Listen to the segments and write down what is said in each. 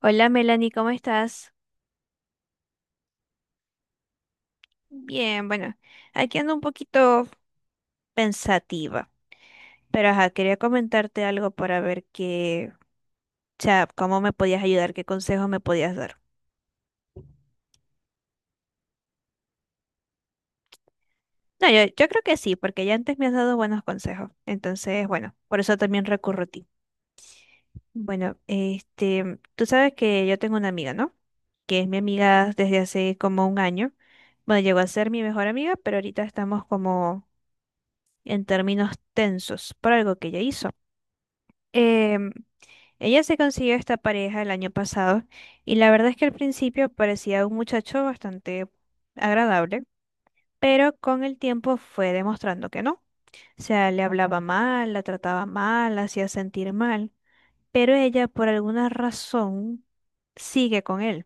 Hola Melanie, ¿cómo estás? Bien, bueno, aquí ando un poquito pensativa, pero ajá, quería comentarte algo para ver qué, o sea, cómo me podías ayudar, qué consejos me podías dar. No, yo creo que sí, porque ya antes me has dado buenos consejos, entonces, bueno, por eso también recurro a ti. Bueno, este, tú sabes que yo tengo una amiga, ¿no? Que es mi amiga desde hace como un año. Bueno, llegó a ser mi mejor amiga, pero ahorita estamos como en términos tensos por algo que ella hizo. Em, ella se consiguió esta pareja el año pasado y la verdad es que al principio parecía un muchacho bastante agradable, pero con el tiempo fue demostrando que no. O sea, le hablaba mal, la trataba mal, la hacía sentir mal, pero ella por alguna razón sigue con él.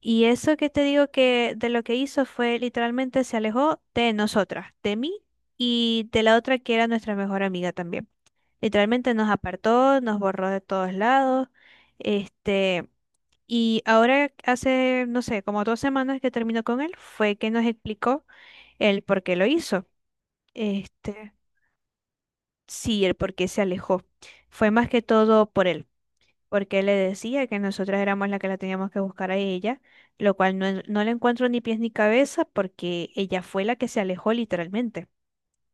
Y eso que te digo que de lo que hizo fue literalmente se alejó de nosotras, de mí y de la otra que era nuestra mejor amiga también. Literalmente nos apartó, nos borró de todos lados. Este, y ahora hace, no sé, como 2 semanas que terminó con él, fue que nos explicó el por qué lo hizo. Este, sí, el por qué se alejó. Fue más que todo por él, porque él le decía que nosotras éramos las que la teníamos que buscar a ella, lo cual no le encuentro ni pies ni cabeza porque ella fue la que se alejó literalmente,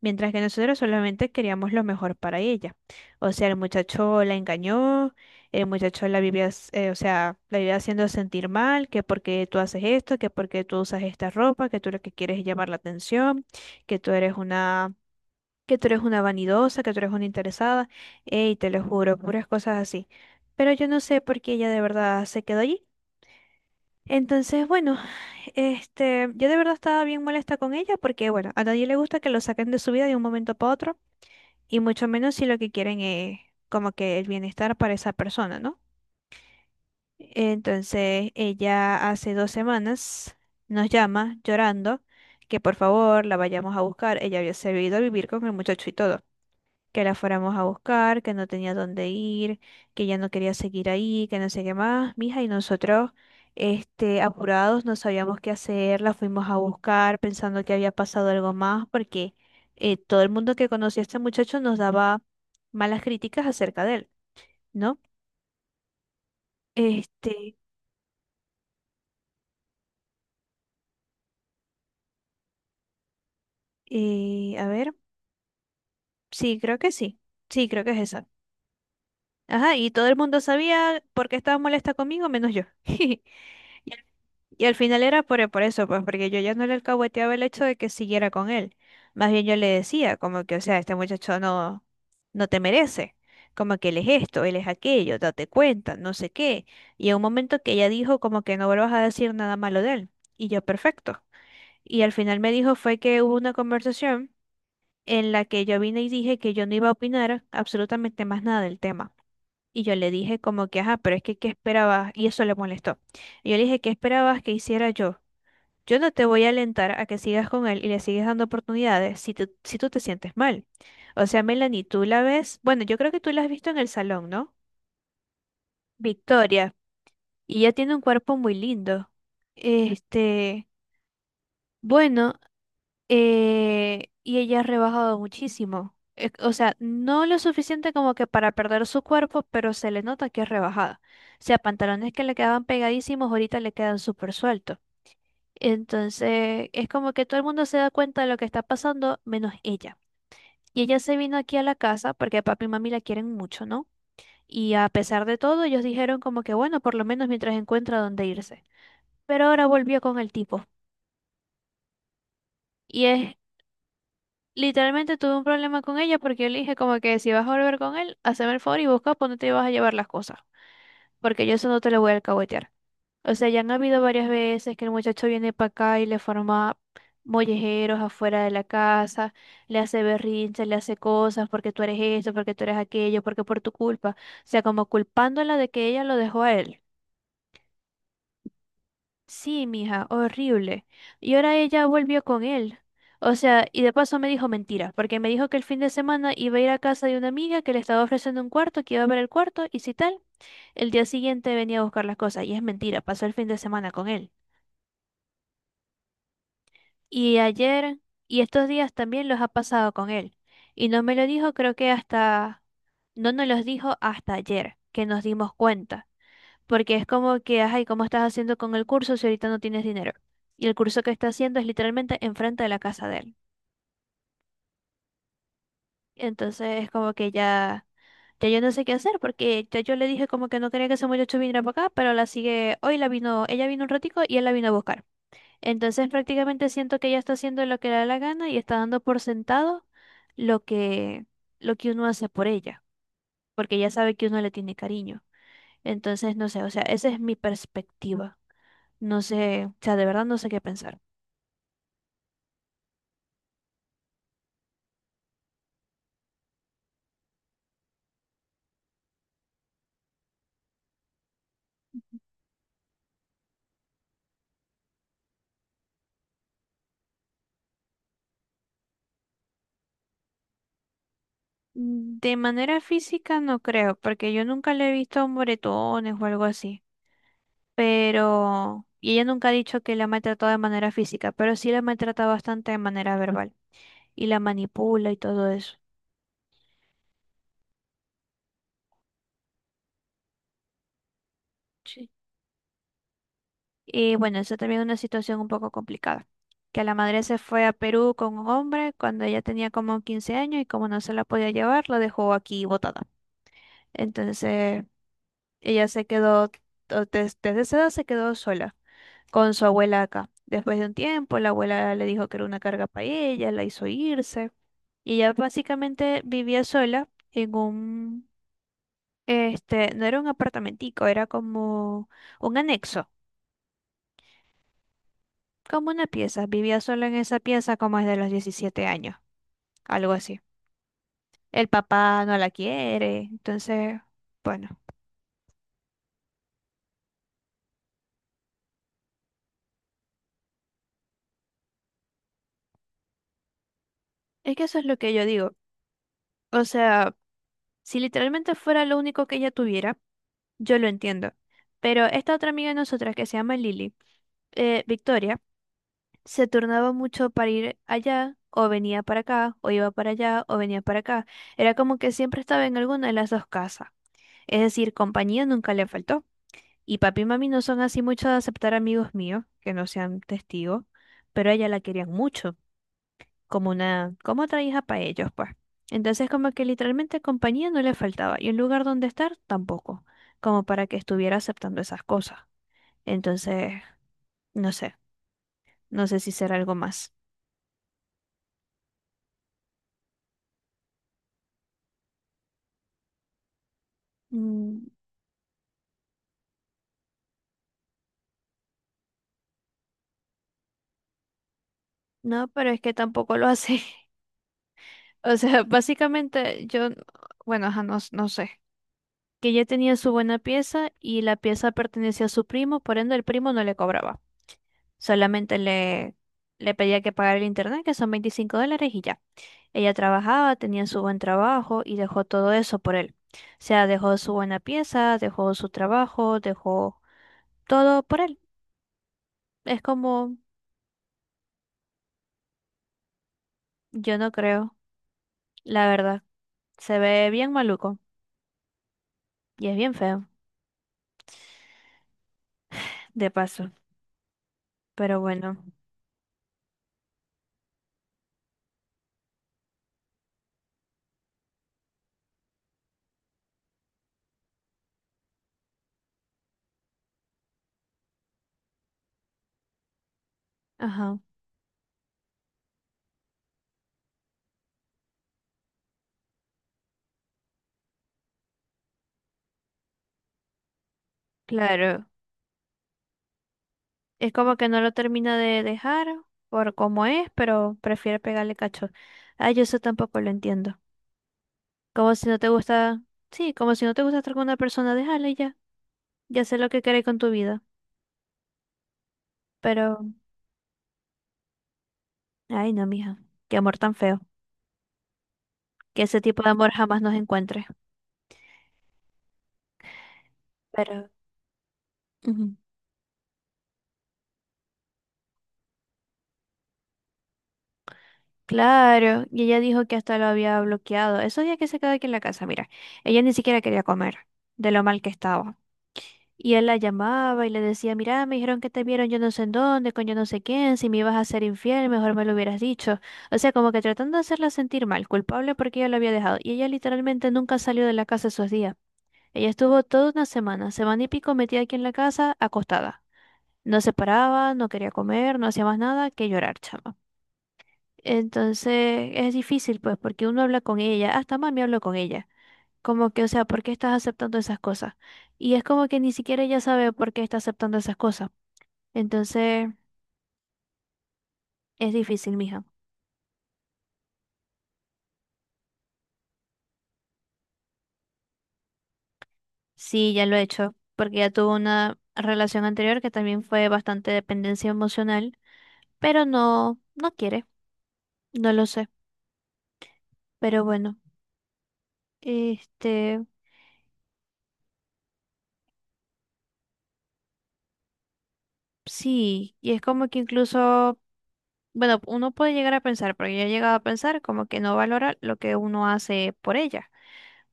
mientras que nosotros solamente queríamos lo mejor para ella. O sea, el muchacho la engañó, el muchacho la vivía, o sea, la vivía haciendo sentir mal, que porque tú haces esto, que porque tú usas esta ropa, que tú lo que quieres es llamar la atención, que tú eres una, que tú eres una vanidosa, que tú eres una interesada, y te lo juro, puras cosas así. Pero yo no sé por qué ella de verdad se quedó allí. Entonces, bueno, este, yo de verdad estaba bien molesta con ella porque, bueno, a nadie le gusta que lo saquen de su vida de un momento para otro y mucho menos si lo que quieren es como que el bienestar para esa persona, ¿no? Entonces ella hace 2 semanas nos llama llorando que por favor la vayamos a buscar. Ella había sabido vivir con el muchacho y todo que la fuéramos a buscar, que no tenía dónde ir, que ya no quería seguir ahí, que no sé qué más, mija, y nosotros, este, apurados, no sabíamos qué hacer, la fuimos a buscar pensando que había pasado algo más, porque todo el mundo que conocía a este muchacho nos daba malas críticas acerca de él, ¿no? Este, a ver, sí, creo que sí, sí, creo que es esa. Ajá, y todo el mundo sabía por qué estaba molesta conmigo, menos yo. Y Y al final era por eso, pues porque yo ya no le alcahueteaba el hecho de que siguiera con él. Más bien yo le decía, como que, o sea, este muchacho no, no te merece. Como que él es esto, él es aquello, date cuenta, no sé qué. Y en un momento que ella dijo como que no vuelvas a decir nada malo de él. Y yo, perfecto. Y al final me dijo fue que hubo una conversación en la que yo vine y dije que yo no iba a opinar absolutamente más nada del tema. Y yo le dije como que, ajá, pero es que, ¿qué esperabas? Y eso le molestó. Y yo le dije, ¿qué esperabas que hiciera yo? Yo no te voy a alentar a que sigas con él y le sigues dando oportunidades si tú te sientes mal. O sea, Melanie, tú la ves, bueno, yo creo que tú la has visto en el salón, ¿no? Victoria, y ella tiene un cuerpo muy lindo. Este, bueno, y ella ha rebajado muchísimo. O sea, no lo suficiente como que para perder su cuerpo, pero se le nota que es rebajada. O sea, pantalones que le quedaban pegadísimos, ahorita le quedan súper sueltos. Entonces, es como que todo el mundo se da cuenta de lo que está pasando, menos ella. Y ella se vino aquí a la casa porque papi y mami la quieren mucho, ¿no? Y a pesar de todo, ellos dijeron como que, bueno, por lo menos mientras encuentra dónde irse. Pero ahora volvió con el tipo. Y es, literalmente tuve un problema con ella porque yo le dije como que si vas a volver con él, haceme el favor y busca por dónde te vas a llevar las cosas. Porque yo eso no te lo voy a alcahuetear. O sea, ya han habido varias veces que el muchacho viene para acá y le forma mollejeros afuera de la casa, le hace berrinches, le hace cosas porque tú eres esto, porque tú eres aquello, porque por tu culpa. O sea, como culpándola de que ella lo dejó a él. Sí, mija, horrible. Y ahora ella volvió con él. O sea, y de paso me dijo mentiras, porque me dijo que el fin de semana iba a ir a casa de una amiga que le estaba ofreciendo un cuarto, que iba a ver el cuarto, y si tal, el día siguiente venía a buscar las cosas. Y es mentira, pasó el fin de semana con él. Y ayer y estos días también los ha pasado con él. Y no me lo dijo, creo que hasta, no nos los dijo hasta ayer, que nos dimos cuenta. Porque es como que, ay, ¿cómo estás haciendo con el curso si ahorita no tienes dinero? Y el curso que está haciendo es literalmente enfrente de la casa de él. Entonces es como que ya, ya yo no sé qué hacer, porque ya yo le dije como que no quería que ese muchacho viniera para acá, pero la sigue, hoy la vino, ella vino un ratico y él la vino a buscar. Entonces prácticamente siento que ella está haciendo lo que le da la gana y está dando por sentado lo que, lo que uno hace por ella, porque ella sabe que uno le tiene cariño. Entonces, no sé, o sea, esa es mi perspectiva. No sé, o sea, de verdad no sé qué pensar. De manera física no creo, porque yo nunca le he visto moretones o algo así. Pero, y ella nunca ha dicho que la maltrató de manera física, pero sí la maltrata bastante de manera verbal y la manipula y todo eso. Y bueno, eso también es una situación un poco complicada, que la madre se fue a Perú con un hombre cuando ella tenía como 15 años y como no se la podía llevar, la dejó aquí botada. Entonces, ella se quedó, desde esa edad se quedó sola con su abuela acá. Después de un tiempo, la abuela le dijo que era una carga para ella, la hizo irse y ella básicamente vivía sola en un, este, no era un apartamentico, era como un anexo, como una pieza. Vivía solo en esa pieza como desde los 17 años, algo así. El papá no la quiere, entonces, bueno, es que eso es lo que yo digo. O sea, si literalmente fuera lo único que ella tuviera, yo lo entiendo. Pero esta otra amiga de nosotras que se llama Lily, Victoria, se turnaba mucho para ir allá, o venía para acá, o iba para allá, o venía para acá. Era como que siempre estaba en alguna de las dos casas. Es decir, compañía nunca le faltó. Y papi y mami no son así mucho de aceptar amigos míos que no sean testigos, pero a ella la querían mucho, como una, como otra hija para ellos, pues. Entonces como que literalmente compañía no le faltaba y un lugar donde estar tampoco, como para que estuviera aceptando esas cosas. Entonces, no sé, no sé si será algo más. Mm, no, pero es que tampoco lo hace. O sea, básicamente yo, bueno, ajá, no, no sé, que ella tenía su buena pieza y la pieza pertenecía a su primo, por ende el primo no le cobraba. Solamente le pedía que pagara el internet, que son $25 y ya. Ella trabajaba, tenía su buen trabajo y dejó todo eso por él. O sea, dejó su buena pieza, dejó su trabajo, dejó todo por él. Es como, yo no creo, la verdad. Se ve bien maluco y es bien feo, de paso. Pero bueno, ajá, claro. Es como que no lo termina de dejar por cómo es, pero prefiere pegarle cacho. Ay, yo eso tampoco lo entiendo. Como si no te gusta, sí, como si no te gusta estar con una persona, déjala y ya. Ya sé lo que querés con tu vida. Pero, ay no, mija, qué amor tan feo. Que ese tipo de amor jamás nos encuentre. Pero, ujú, claro, y ella dijo que hasta lo había bloqueado. Esos días que se quedó aquí en la casa, mira, ella ni siquiera quería comer de lo mal que estaba. Y él la llamaba y le decía, mira, me dijeron que te vieron yo no sé en dónde, con yo no sé quién, si me ibas a ser infiel, mejor me lo hubieras dicho. O sea, como que tratando de hacerla sentir mal, culpable porque ella lo había dejado. Y ella literalmente nunca salió de la casa esos días. Ella estuvo toda una semana, semana y pico metida aquí en la casa, acostada. No se paraba, no quería comer, no hacía más nada que llorar, chama. Entonces es difícil, pues, porque uno habla con ella, hasta mami habló con ella. Como que, o sea, ¿por qué estás aceptando esas cosas? Y es como que ni siquiera ella sabe por qué está aceptando esas cosas. Entonces, es difícil, mija. Sí, ya lo he hecho, porque ya tuvo una relación anterior que también fue bastante dependencia emocional, pero no quiere, no lo sé. Pero bueno, este, sí, y es como que incluso, bueno, uno puede llegar a pensar, porque yo he llegado a pensar como que no valora lo que uno hace por ella.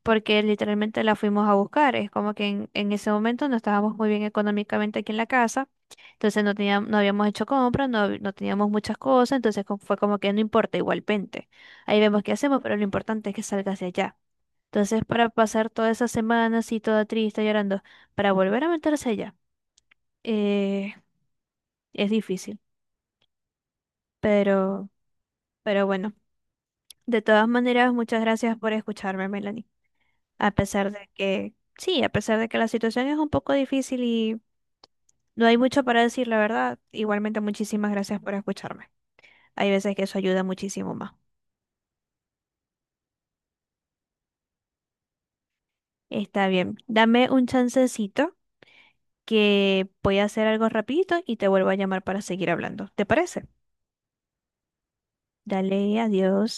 Porque literalmente la fuimos a buscar. Es como que en ese momento no estábamos muy bien económicamente aquí en la casa, entonces no teníamos, no habíamos hecho compras, no, no teníamos muchas cosas, entonces fue como que no importa, igualmente. Ahí vemos qué hacemos, pero lo importante es que salga hacia allá. Entonces, para pasar toda esa semana así, toda triste, llorando, para volver a meterse allá, eh, es difícil, pero, pero bueno. De todas maneras, muchas gracias por escucharme, Melanie. A pesar de que, sí, a pesar de que la situación es un poco difícil. No hay mucho para decir, la verdad. Igualmente, muchísimas gracias por escucharme. Hay veces que eso ayuda muchísimo más. Está bien. Dame un chancecito que voy a hacer algo rapidito y te vuelvo a llamar para seguir hablando. ¿Te parece? Dale, adiós.